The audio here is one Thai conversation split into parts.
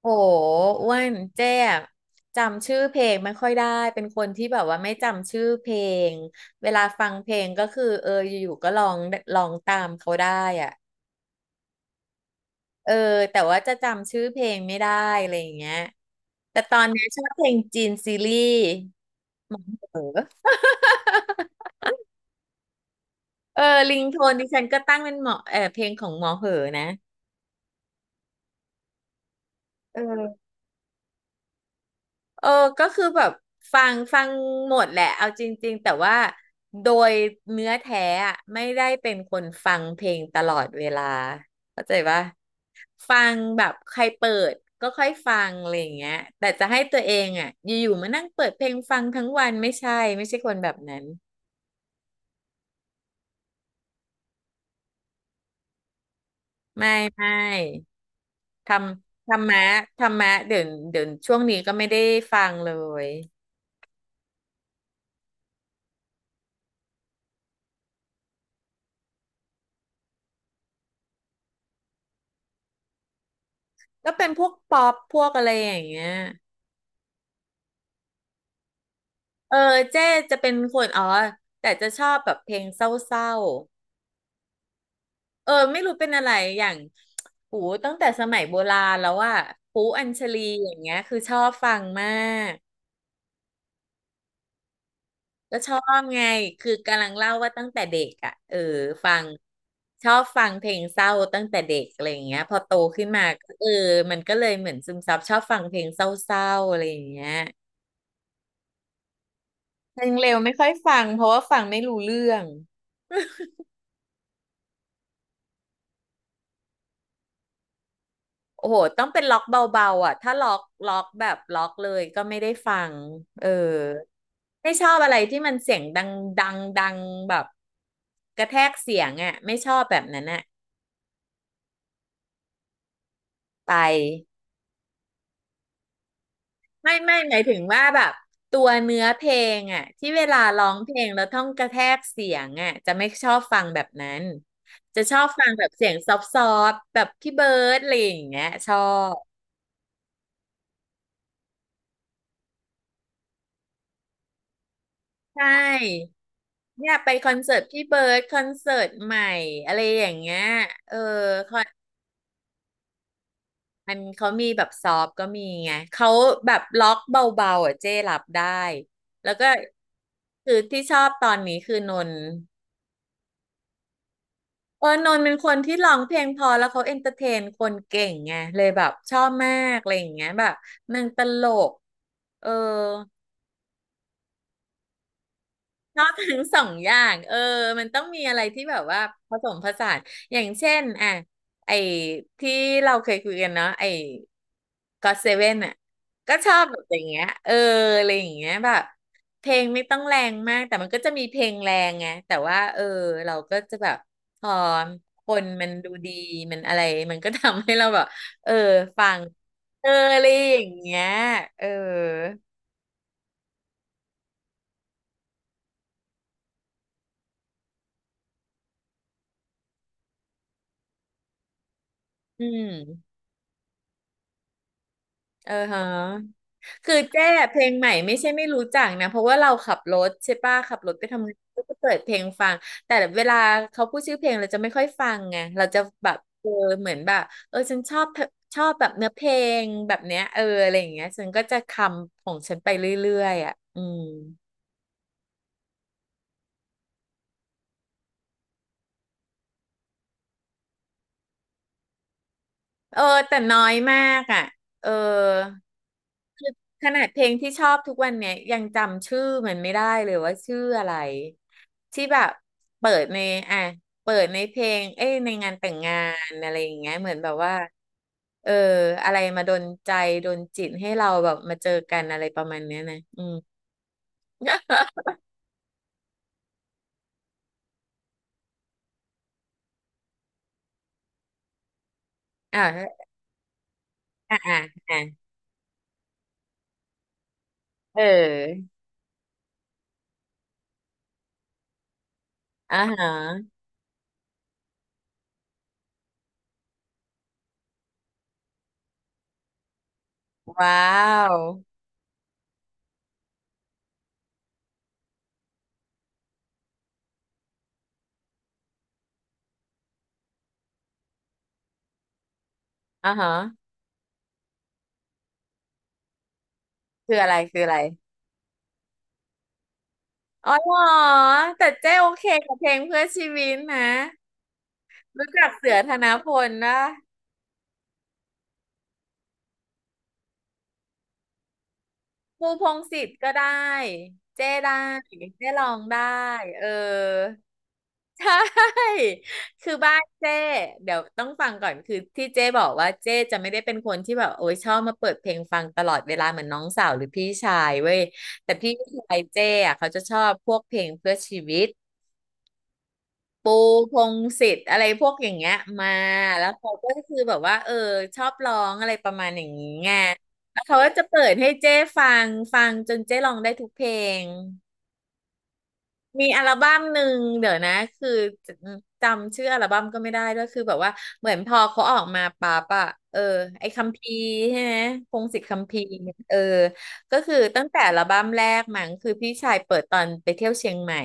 โหอ้วนเจ๊อะจำชื่อเพลงไม่ค่อยได้เป็นคนที่แบบว่าไม่จำชื่อเพลงเวลาฟังเพลงก็คือเอออยู่ๆก็ร้องตามเขาได้อ่ะเออแต่ว่าจะจำชื่อเพลงไม่ได้อะไรอย่างเงี้ยแต่ตอนนี้ชอบเพลงจีนซีรีส์หมอเหอ เออลิงโทนดิฉันก็ตั้งเป็นหมอเออเพลงของหมอเหอนะเออ เออก็คือแบบฟังหมดแหละเอาจริงๆแต่ว่าโดยเนื้อแท้อะไม่ได้เป็นคนฟังเพลงตลอดเวลาเข้าใจปะฟังแบบใครเปิดก็ค่อยฟังอะไรอย่างเงี้ยแต่จะให้ตัวเองอ่ะอยู่ๆมานั่งเปิดเพลงฟังทั้งวันไม่ใช่ไม่ใช่คนแบบนั้นไม่ไม่ทำธรรมะธรรมะเดี๋ยวช่วงนี้ก็ไม่ได้ฟังเลยก็เป็นพวกป๊อปพวกอะไรอย่างเงี้ย เออเจ๊จะเป็นคนอ๋อแต่จะชอบแบบเพลงเศร้าๆเออไม่รู้เป็นอะไรอย่างหูตั้งแต่สมัยโบราณแล้วอาปูอัญชลีอย่างเงี้ยคือชอบฟังมากก็ชอบไงคือกำลังเล่าว่าตั้งแต่เด็กอะเออฟังชอบฟังเพลงเศร้าตั้งแต่เด็กอะไรอย่างเงี้ยพอโตขึ้นมาก็เออมันก็เลยเหมือนซึมซับชอบฟังเพลงเศร้าๆอะไรอย่างเงี้ยเพลงเร็วไม่ค่อยฟังเพราะว่าฟังไม่รู้เรื่อง โอ้โหต้องเป็นล็อกเบาๆอ่ะถ้าล็อกแบบล็อกเลยก็ไม่ได้ฟังเออไม่ชอบอะไรที่มันเสียงดังดังแบบกระแทกเสียงอ่ะไม่ชอบแบบนั้นอ่ะไปไม่หมายถึงว่าแบบตัวเนื้อเพลงอ่ะที่เวลาร้องเพลงแล้วต้องกระแทกเสียงอ่ะจะไม่ชอบฟังแบบนั้น จะชอบฟังแบบเสียงซอฟต์ๆแบบพี่เบิร์ดอะไรอย่างเงี้ยชอบใช่ เนี่ยไปคอนเสิร์ตพี่เบิร์ดคอนเสิร์ตใหม่อะไรอย่างเงี้ยเออคอนมันเขามีแบบซอฟต์ก็มีไงเขาแบบล็อกเบาๆอ่ะเจ้รับได้แล้วก็คือที่ชอบตอนนี้คือนนท์เออนนท์เป็นคนที่ร้องเพลงพอแล้วเขาเอนเตอร์เทนคนเก่งไงเลยแบบชอบมากอะไรอย่างเงี้ยแบบนางตลกเออ ชอบทั้งสองอย่างเออมันต้องมีอะไรที่แบบว่าผสมผสานอย่างเช่นอ่ะไอ้ที่เราเคยคุยกันเนาะไอ้ก็เซเว่นอ่ะก็ชอบแบบอย่างเงี้ยเอออะไรอย่างเงี้ยแบบเพลงไม่ต้องแรงมากแต่มันก็จะมีเพลงแรงไงแต่ว่าเออเราก็จะแบบพอคนมันดูดีมันอะไรมันก็ทำให้เราแบบเออฟังเอออะไรอย่างเงี้ยเอออืมเออฮะ คือแจ้เพลงใหม่ไม่ใช่ไม่รู้จักนะเพราะว่าเราขับรถใช่ป่ะขับรถไปทำงานก็จะเปิดเพลงฟังแต่เวลาเขาพูดชื่อเพลงเราจะไม่ค่อยฟังไงเราจะแบบเออเหมือนแบบเออฉันชอบแบบเนื้อเพลงแบบเนี้ยเอออะไรอย่างเงี้ยฉันก็จะคำของฉันไปเรื่อยๆอ่ะอืมเออแต่น้อยมากอ่ะเออ ขนาดเพลงที่ชอบทุกวันเนี่ยยังจำชื่อมันไม่ได้เลยว่าชื่ออะไรที่แบบเปิดในอ่ะเปิดในเพลงเอ้ยในงานแต่งงานอะไรอย่างเงี้ยเหมือนแบบว่าเอออะไรมาดนใจดนจิตให้เราแบบมาเจอกันอะไรประมาณเนี้ยนะอืม อ่าอ่าอ่าอ่าเอออ่าฮะว้าวอ่าฮะคืออะไรคืออะไรอ๋อเหรอแต่เจ๊โอเคกับเพลงเพื่อชีวิตนะรู้จักเสือธนพลนะ ปูพงษ์สิทธิ์ก็ได้เจ้ได้เจ้ลองได้เออใช่ คือบ้านเจ้เดี๋ยวต้องฟังก่อนคือที่เจ้บอกว่าเจ้จะไม่ได้เป็นคนที่แบบโอ้ยชอบมาเปิดเพลงฟังตลอดเวลาเหมือนน้องสาวหรือพี่ชายเว้ยแต่พี่ชายเจ้อะเขาจะชอบพวกเพลงเพื่อชีวิต ปูพงษ์สิทธิ์อะไรพวกอย่างเงี้ยมาแล้วเขาก็คือแบบว่าเออชอบร้องอะไรประมาณอย่างนี้ไงแล้วเขาก็จะเปิดให้เจ้ฟังจนเจ้ร้องได้ทุกเพลง มีอัลบั้มหนึ่งเดี๋ยวนะคือจะจำชื่ออัลบั้มก็ไม่ได้ด้วยคือแบบว่าเหมือนพอเขาออกมาปั๊บอะเออไอ้คัมภีร์ใช่ไหมพงศิษฐ์คัมภีร์เเออก็คือตั้งแต่อัลบั้มแรกมั้งคือพี่ชายเปิดตอนไปเที่ยวเชียงใหม่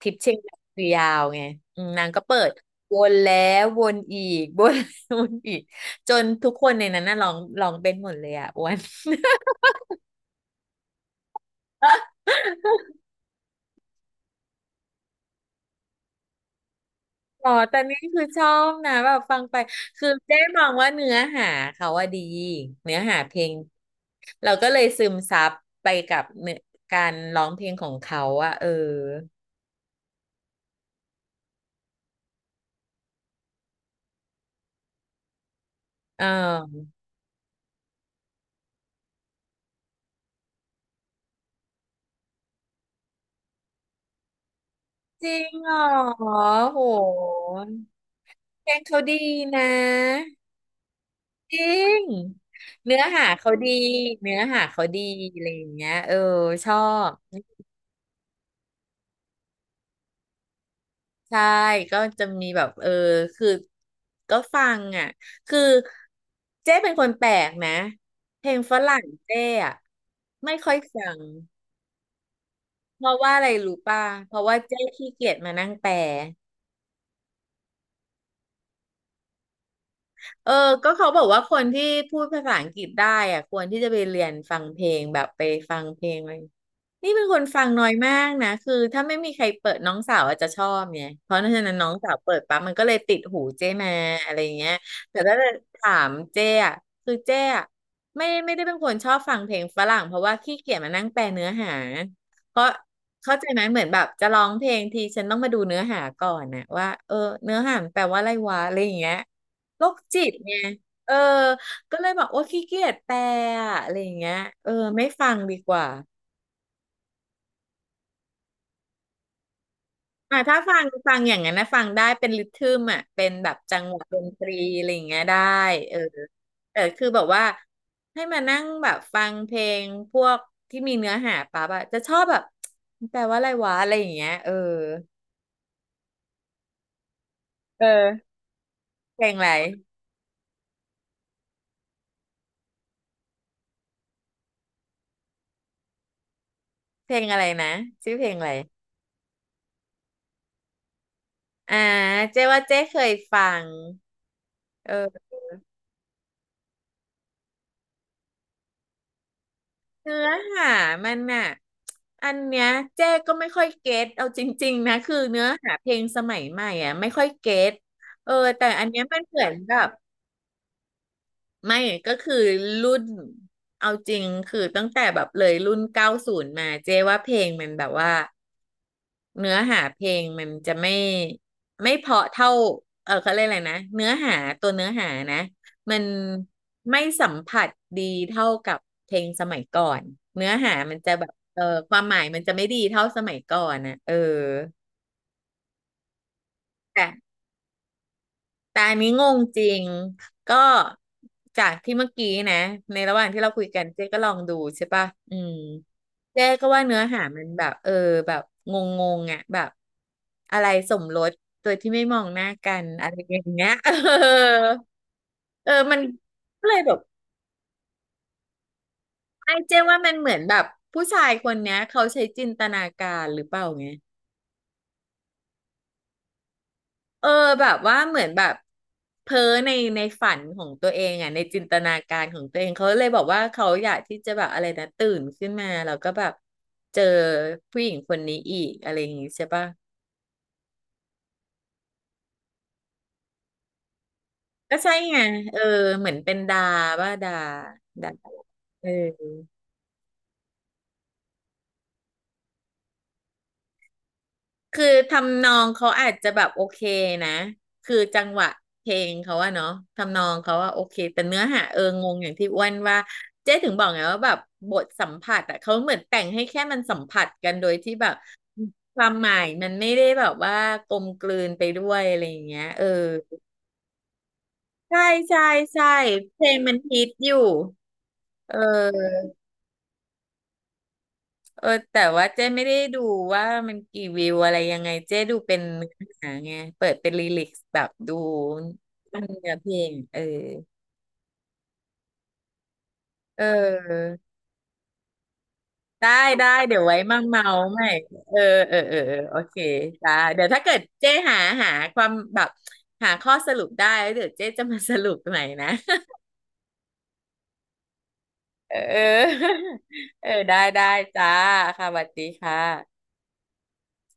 ทริปเชียงใหม่คือยาวไงอืมนางก็เปิดวนแล้ววนอีก วนแล้ววนอีกจนทุกคนในนั้นน่ะร้องเป็นหมดเลยอะ อ้วน อ๋อแต่นี่คือชอบนะแบบฟังไปคือเจ๊มองว่าเนื้อหาเขาว่าดีเนื้อหาเพลงเราก็เลยซึมซับไปกับเนื้อการร้องเพลงของเขาอะเออเออจริงเหรอโหเพลงเขาดีนะจริงเนื้อหาเขาดีเนื้อหาเขาดีอะไรอย่างเงี้ยเออชอบ ใช่ ก็จะมีแบบ เออ คือ ก็ฟังอ่ะ คือเจ๊เป็นคนแปลกนะ เพลงฝรั่งเจ๊อ่ะ ไม่ค่อยฟัง เพราะว่าอะไรรู้ป่ะ เพราะว่าเจ๊ขี้เกียจมานั่งแปล เออก็เขาบอกว่าคนที่พูดภาษาอังกฤษได้อะควรที่จะไปเรียนฟังเพลงแบบไปฟังเพลงอะไรนี่เป็นคนฟังน้อยมากนะคือถ้าไม่มีใครเปิดน้องสาวอาจจะชอบไงเพราะฉะนั้นน้องสาวเปิดปั๊บมันก็เลยติดหูเจ้มาอะไรเงี้ยแต่ถ้าจะถามเจ้อะคือเจ้อะไม่ได้เป็นคนชอบฟังเพลงฝรั่งเพราะว่าขี้เกียจมานั่งแปลเนื้อหาเพราะเข้าใจไหมเหมือนแบบจะร้องเพลงทีฉันต้องมาดูเนื้อหาก่อนนะว่าเออเนื้อหามันแปลว่าอะไรวะอะไรอย่างเงี้ย โรคจิตไงเออก็เลยบอกว่าขี้เกียจแปลอะอะไรอย่างเงี้ยเออไม่ฟังดีกว่าอ่ะถ้าฟังอย่างนั้นนะฟังได้เป็นริทึมอ่ะเป็นแบบจังหวะดนตรีอะไรอย่างเงี้ยได้เออแต่คือแบบว่าให้มานั่งแบบฟังเพลงพวกที่มีเนื้อหาปั๊บอะจะชอบแบบ แปลว่าอะไรวะอะไรอย่างเงี้ยเออเออเพลงอะไรเพลงอะไรนะชื่อเพลงอะไรอ่าเจ๊ว่าเจ๊เคยฟังเออ เนื้อหามันน่ะอันเนี้ยเจ๊ก็ไม่ค่อยเก็ตเอาจริงๆนะคือเนื้อหาเพลงสมัยใหม่อ่ะไม่ค่อยเก็ตเออแต่อันเนี้ยมันเหมือนแบบไม่ก็คือรุ่นเอาจริงคือตั้งแต่แบบเลยรุ่น90มาเจ๊ว่าเพลงมันแบบว่า เนื้อหาเพลงมันจะไม่เพราะเท่าเออเขาเรียกอะไรนะเนื้อหาตัวเนื้อหานะมันไม่สัมผัสดีเท่ากับเพลงสมัยก่อนเนื้อหามันจะแบบเออความหมายมันจะไม่ดีเท่าสมัยก่อนนะเออแต่ แต่อันนี้งงจริงก็จากที่เมื่อกี้นะในระหว่างที่เราคุยกันเจ๊ก็ลองดูใช่ปะอืมเจ๊ก็ว่าเนื้อหามันแบบเออแบบงงงอ่ะแบบอะไรสมรสโดยที่ไม่มองหน้ากันอะไรอย่างเงี้ย เออเออมันก็เลยแบบไอ้เจ๊ว่ามันเหมือนแบบผู้ชายคนเนี้ยเขาใช้จินตนาการหรือเปล่าไง เออแบบว่าเหมือนแบบเพ้อในในฝันของตัวเองอ่ะในจินตนาการของตัวเองเขาเลยบอกว่าเขาอยากที่จะแบบอะไรนะตื่นขึ้นมาแล้วก็แบบเจอผู้หญิงคนนี้อีกอะไรอย่างงี้ใช่ปะก็ใช่ไงเออเหมือนเป็นดาว่าดาดาเออ คือทำนองเขาอาจจะแบบโอเคนะคือจังหวะเพลงเขาว่าเนาะทำนองเขาว่าโอเคแต่เนื้อหาเอองงอย่างที่อ้วนว่าเจ๊ถึงบอกไงว่าแบบบทสัมผัสอะเขาเหมือนแต่งให้แค่มันสัมผัสกันโดยที่แบบความหมายมันไม่ได้แบบว่ากลมกลืนไปด้วยอะไรอย่างเงี้ยเออใช่ใช่ใช่เพลงมันฮิตอยู่เออ เออแต่ว่าเจ๊ไม่ได้ดูว่ามันกี่วิวอะไรยังไงเจ๊ดูเป็นเนื้อหาไงเปิดเป็นลิลิกแบบดูเนื้อเพลงเออเออได้ได้เดี๋ยวไว้มาเมาใหม่เออเออเออเออโอเคจ้าเดี๋ยวถ้าเกิดเจ๊หาหาความแบบหาข้อสรุปได้แล้วเดี๋ยวเจ๊จะมาสรุปใหม่นะ เออเออได้ได้จ้าค่ะสวัสดีค่ะ